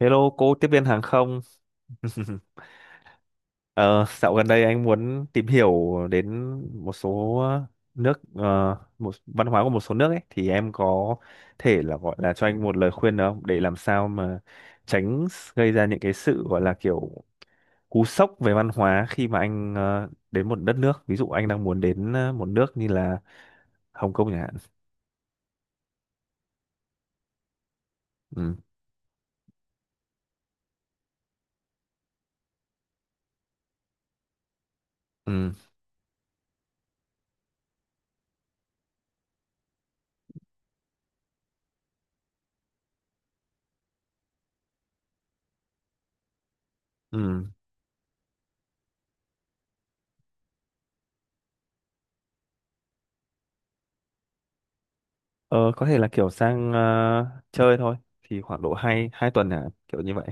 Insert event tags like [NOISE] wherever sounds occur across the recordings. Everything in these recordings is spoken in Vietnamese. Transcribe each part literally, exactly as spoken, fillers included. Hello cô tiếp viên hàng không. [LAUGHS] Ờ, Dạo gần đây anh muốn tìm hiểu đến một số nước ờ, một văn hóa của một số nước ấy, thì em có thể là gọi là cho anh một lời khuyên được không, để làm sao mà tránh gây ra những cái sự gọi là kiểu cú sốc về văn hóa khi mà anh ờ, đến một đất nước, ví dụ anh đang muốn đến ờ, một nước như là Hồng Kông chẳng hạn. Ừ. Ừ. Ừ. Ờ, có thể là kiểu sang ờ, chơi thôi, thì khoảng độ hai hai tuần, hả, kiểu như vậy.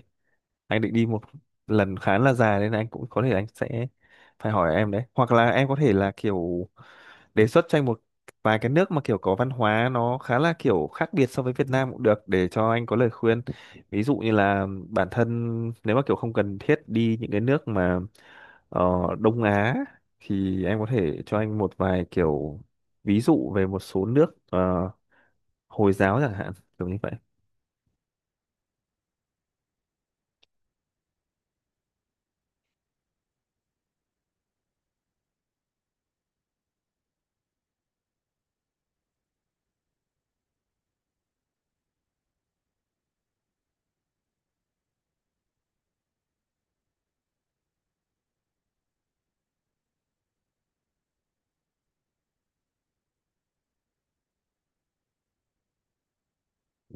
Anh định đi một lần khá là dài, nên anh cũng có thể anh sẽ phải hỏi em đấy, hoặc là em có thể là kiểu đề xuất cho anh một vài cái nước mà kiểu có văn hóa nó khá là kiểu khác biệt so với Việt Nam cũng được, để cho anh có lời khuyên. Ví dụ như là bản thân nếu mà kiểu không cần thiết đi những cái nước mà ờ, Đông Á, thì em có thể cho anh một vài kiểu ví dụ về một số nước ờ, Hồi giáo chẳng hạn, kiểu như vậy.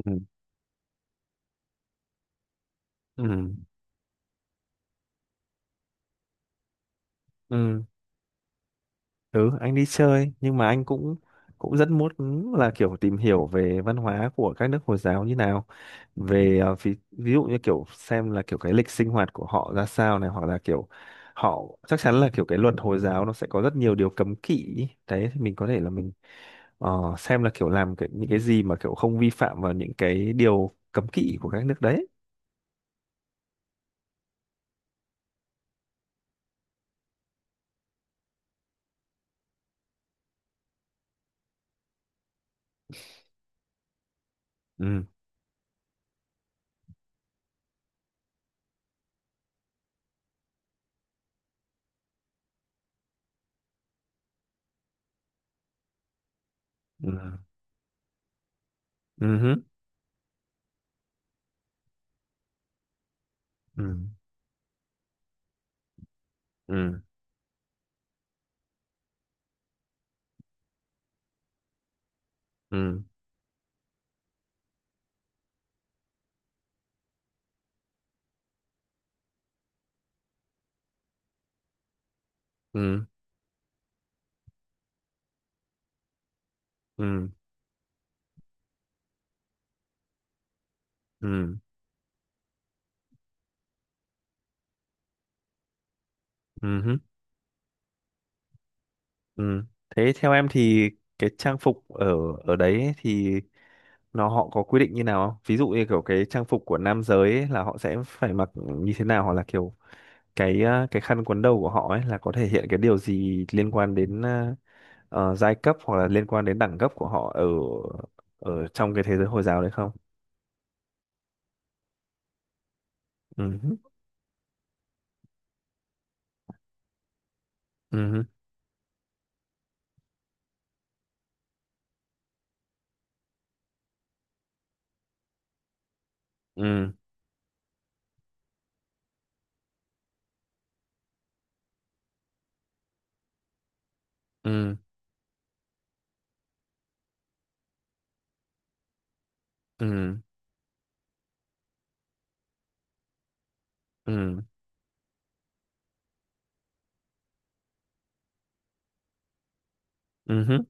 Ừ. Ừ. Ừ. Ừ. Anh đi chơi, nhưng mà anh cũng cũng rất muốn là kiểu tìm hiểu về văn hóa của các nước Hồi giáo như nào, về ờ, ví, ví dụ như kiểu xem là kiểu cái lịch sinh hoạt của họ ra sao này, hoặc là kiểu họ chắc chắn là kiểu cái luật Hồi giáo nó sẽ có rất nhiều điều cấm kỵ ý. Đấy thì mình có thể là mình ờ, xem là kiểu làm cái, những cái gì mà kiểu không vi phạm vào những cái điều cấm kỵ của các nước đấy. Ừ. Ừ. Ừ. Ừ. Ừ. Ừ. Ừ. Ừ. Ừ. Ừ hứ. Ừ. Thế theo em thì cái trang phục ở ở đấy ấy, thì nó họ có quy định như nào không? Ví dụ như kiểu cái trang phục của nam giới ấy là họ sẽ phải mặc như thế nào, hoặc là kiểu cái ờ, cái khăn quấn đầu của họ ấy là có thể hiện cái điều gì liên quan đến ờ, ờ, giai cấp hoặc là liên quan đến đẳng cấp của họ ở ở trong cái thế giới Hồi giáo đấy không? Ừ hứ. Ừ hứ. Ừ. Ừ. Ừ. Ừ. Ừ hứ.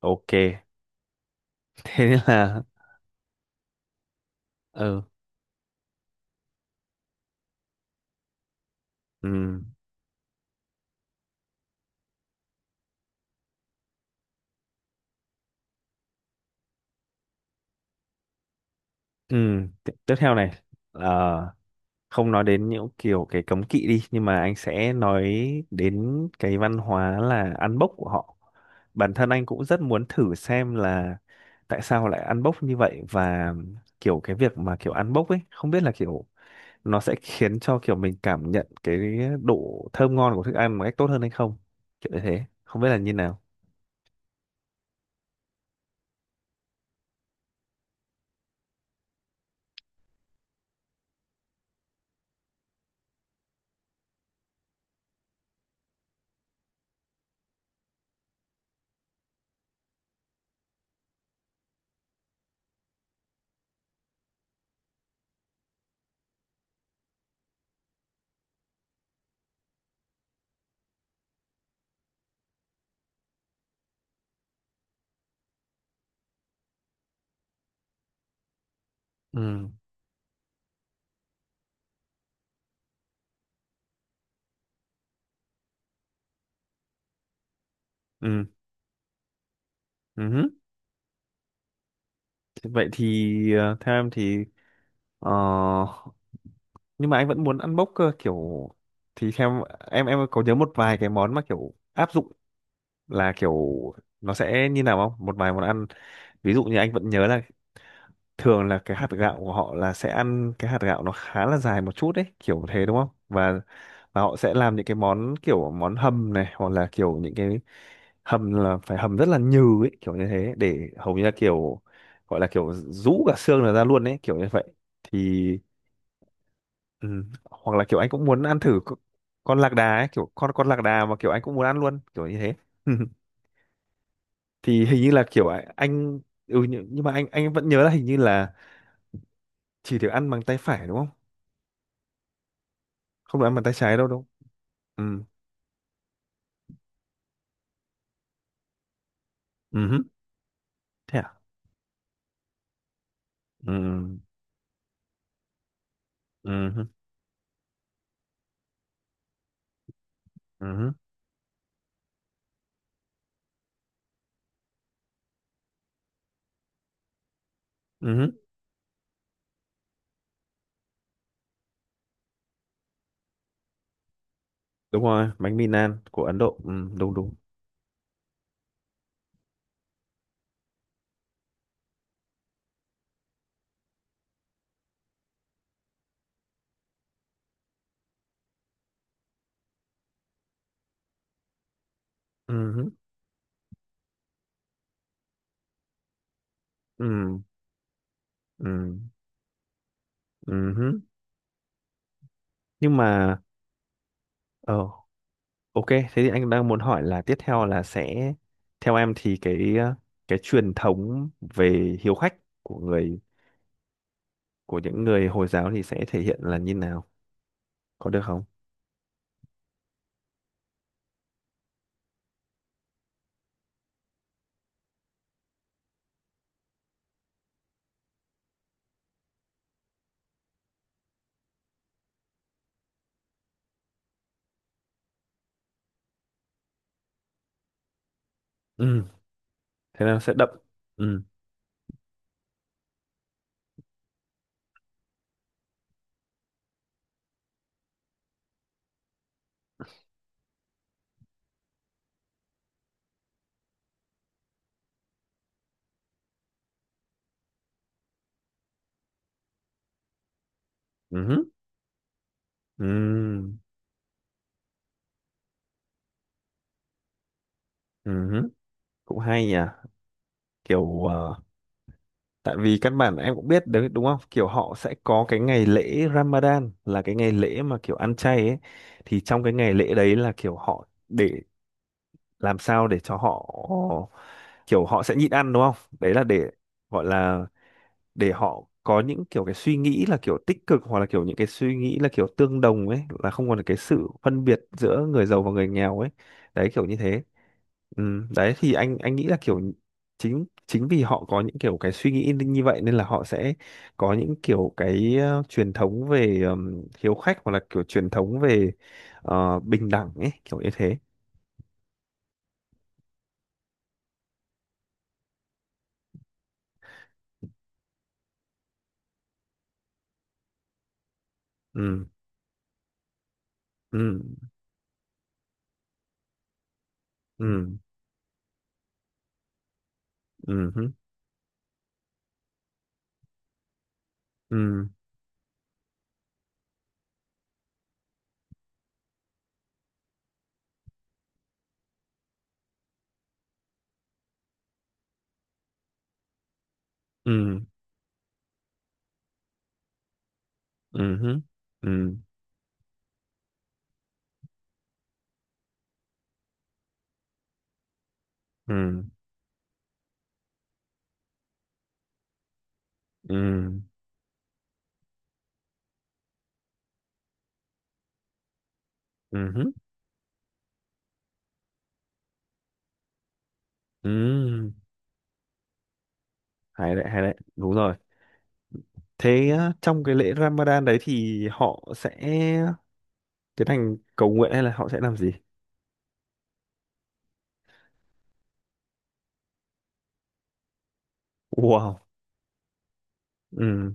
OK. [LAUGHS] Thế nên là. Ừ. Ừ. Ừ, t- tiếp theo này, ờ, không nói đến những kiểu cái cấm kỵ đi, nhưng mà anh sẽ nói đến cái văn hóa là ăn bốc của họ. Bản thân anh cũng rất muốn thử xem là tại sao lại ăn bốc như vậy, và kiểu cái việc mà kiểu ăn bốc ấy không biết là kiểu nó sẽ khiến cho kiểu mình cảm nhận cái độ thơm ngon của thức ăn một cách tốt hơn hay không. Kiểu như thế, không biết là như nào. Ừ. Ừ. Ừ. Thế Vậy thì ờ, theo em thì. Ờ, nhưng mà anh vẫn muốn ăn bốc cơ kiểu, thì theo em, em có nhớ một vài cái món mà kiểu áp dụng là kiểu nó sẽ như nào không? Một vài món ăn, ví dụ như anh vẫn nhớ là thường là cái hạt gạo của họ là sẽ ăn cái hạt gạo nó khá là dài một chút đấy, kiểu thế đúng không? Và và họ sẽ làm những cái món kiểu món hầm này, hoặc là kiểu những cái hầm là phải hầm rất là nhừ ấy kiểu như thế, để hầu như là kiểu gọi là kiểu rũ cả xương là ra luôn ấy, kiểu như vậy thì. Ừ. Hoặc là kiểu anh cũng muốn ăn thử c- con lạc đà ấy, kiểu con con lạc đà mà kiểu anh cũng muốn ăn luôn, kiểu như thế. [LAUGHS] Thì hình như là kiểu ạ, anh. Ừ, nhưng nhưng mà anh anh vẫn nhớ là hình như là chỉ được ăn bằng tay phải đúng không? Không được ăn bằng tay trái đâu đúng không? Ừ. Ừ hứ. Thế à. Ừ. Ừ hứ. Ừ hứ. Ừ hứ. Đúng rồi, bánh mì nan của Ấn Độ. Ừ, đúng đúng. Ừ hứ. Ừ. Ừ. Ừ hứ. Nhưng mà. Ờ. OK, thế thì anh đang muốn hỏi là tiếp theo là sẽ, theo em thì cái ờ, cái truyền thống về hiếu khách của người của những người Hồi giáo thì sẽ thể hiện là như nào? Có được không? Ừ, thế là sẽ đậm. Ừ. Ừ hứ. Ừ. Ừ hứ. Cũng hay nhỉ. Kiểu ờ, tại vì căn bản em cũng biết đấy đúng không? Kiểu họ sẽ có cái ngày lễ Ramadan là cái ngày lễ mà kiểu ăn chay ấy, thì trong cái ngày lễ đấy là kiểu họ để làm sao để cho họ, kiểu họ sẽ nhịn ăn đúng không, đấy là để gọi là để họ có những kiểu cái suy nghĩ là kiểu tích cực, hoặc là kiểu những cái suy nghĩ là kiểu tương đồng ấy, là không còn cái sự phân biệt giữa người giàu và người nghèo ấy, đấy kiểu như thế. Ừ. Đấy thì anh anh nghĩ là kiểu chính chính vì họ có những kiểu cái suy nghĩ như vậy, nên là họ sẽ có những kiểu cái ờ, truyền thống về ừm, hiếu khách, hoặc là kiểu truyền thống về ờ, bình đẳng ấy, kiểu như thế. Ừ. Ừ. Ừ. Ừ. Ừ. Ừ. Ừ hứ. Ừ. Ừ. Ừ. Ừ hứ. Ừ. Hay đấy, hay đấy, đúng rồi. Thế á, trong cái lễ Ramadan đấy thì họ sẽ tiến hành cầu nguyện, hay là họ sẽ làm gì? Wow. Ừ.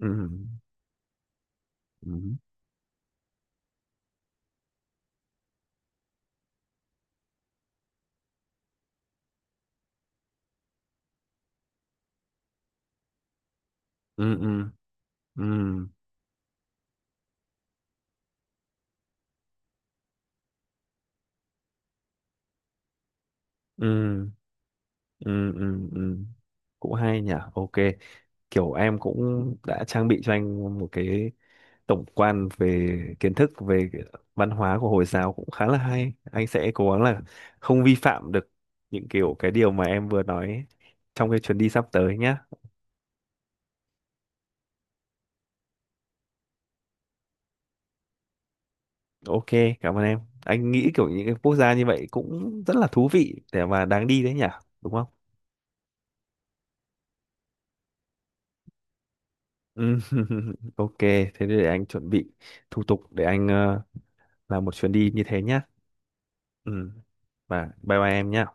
Ừ. Ừ. Ừ. Ừ. Ừ. Ừ. Ừ. Ừ. Ừ. Cũng hay nhỉ. OK, kiểu em cũng đã trang bị cho anh một cái tổng quan về kiến thức về cái văn hóa của Hồi giáo, cũng khá là hay. Anh sẽ cố gắng là không vi phạm được những kiểu cái điều mà em vừa nói ấy, trong cái chuyến đi sắp tới nhá. OK, cảm ơn em. Anh nghĩ kiểu những cái quốc gia như vậy cũng rất là thú vị để mà đáng đi đấy nhỉ, đúng không? Ừ. [LAUGHS] OK, thế để anh chuẩn bị thủ tục để anh ờ, làm một chuyến đi như thế nhá. Ừ. Và bye bye em nhá.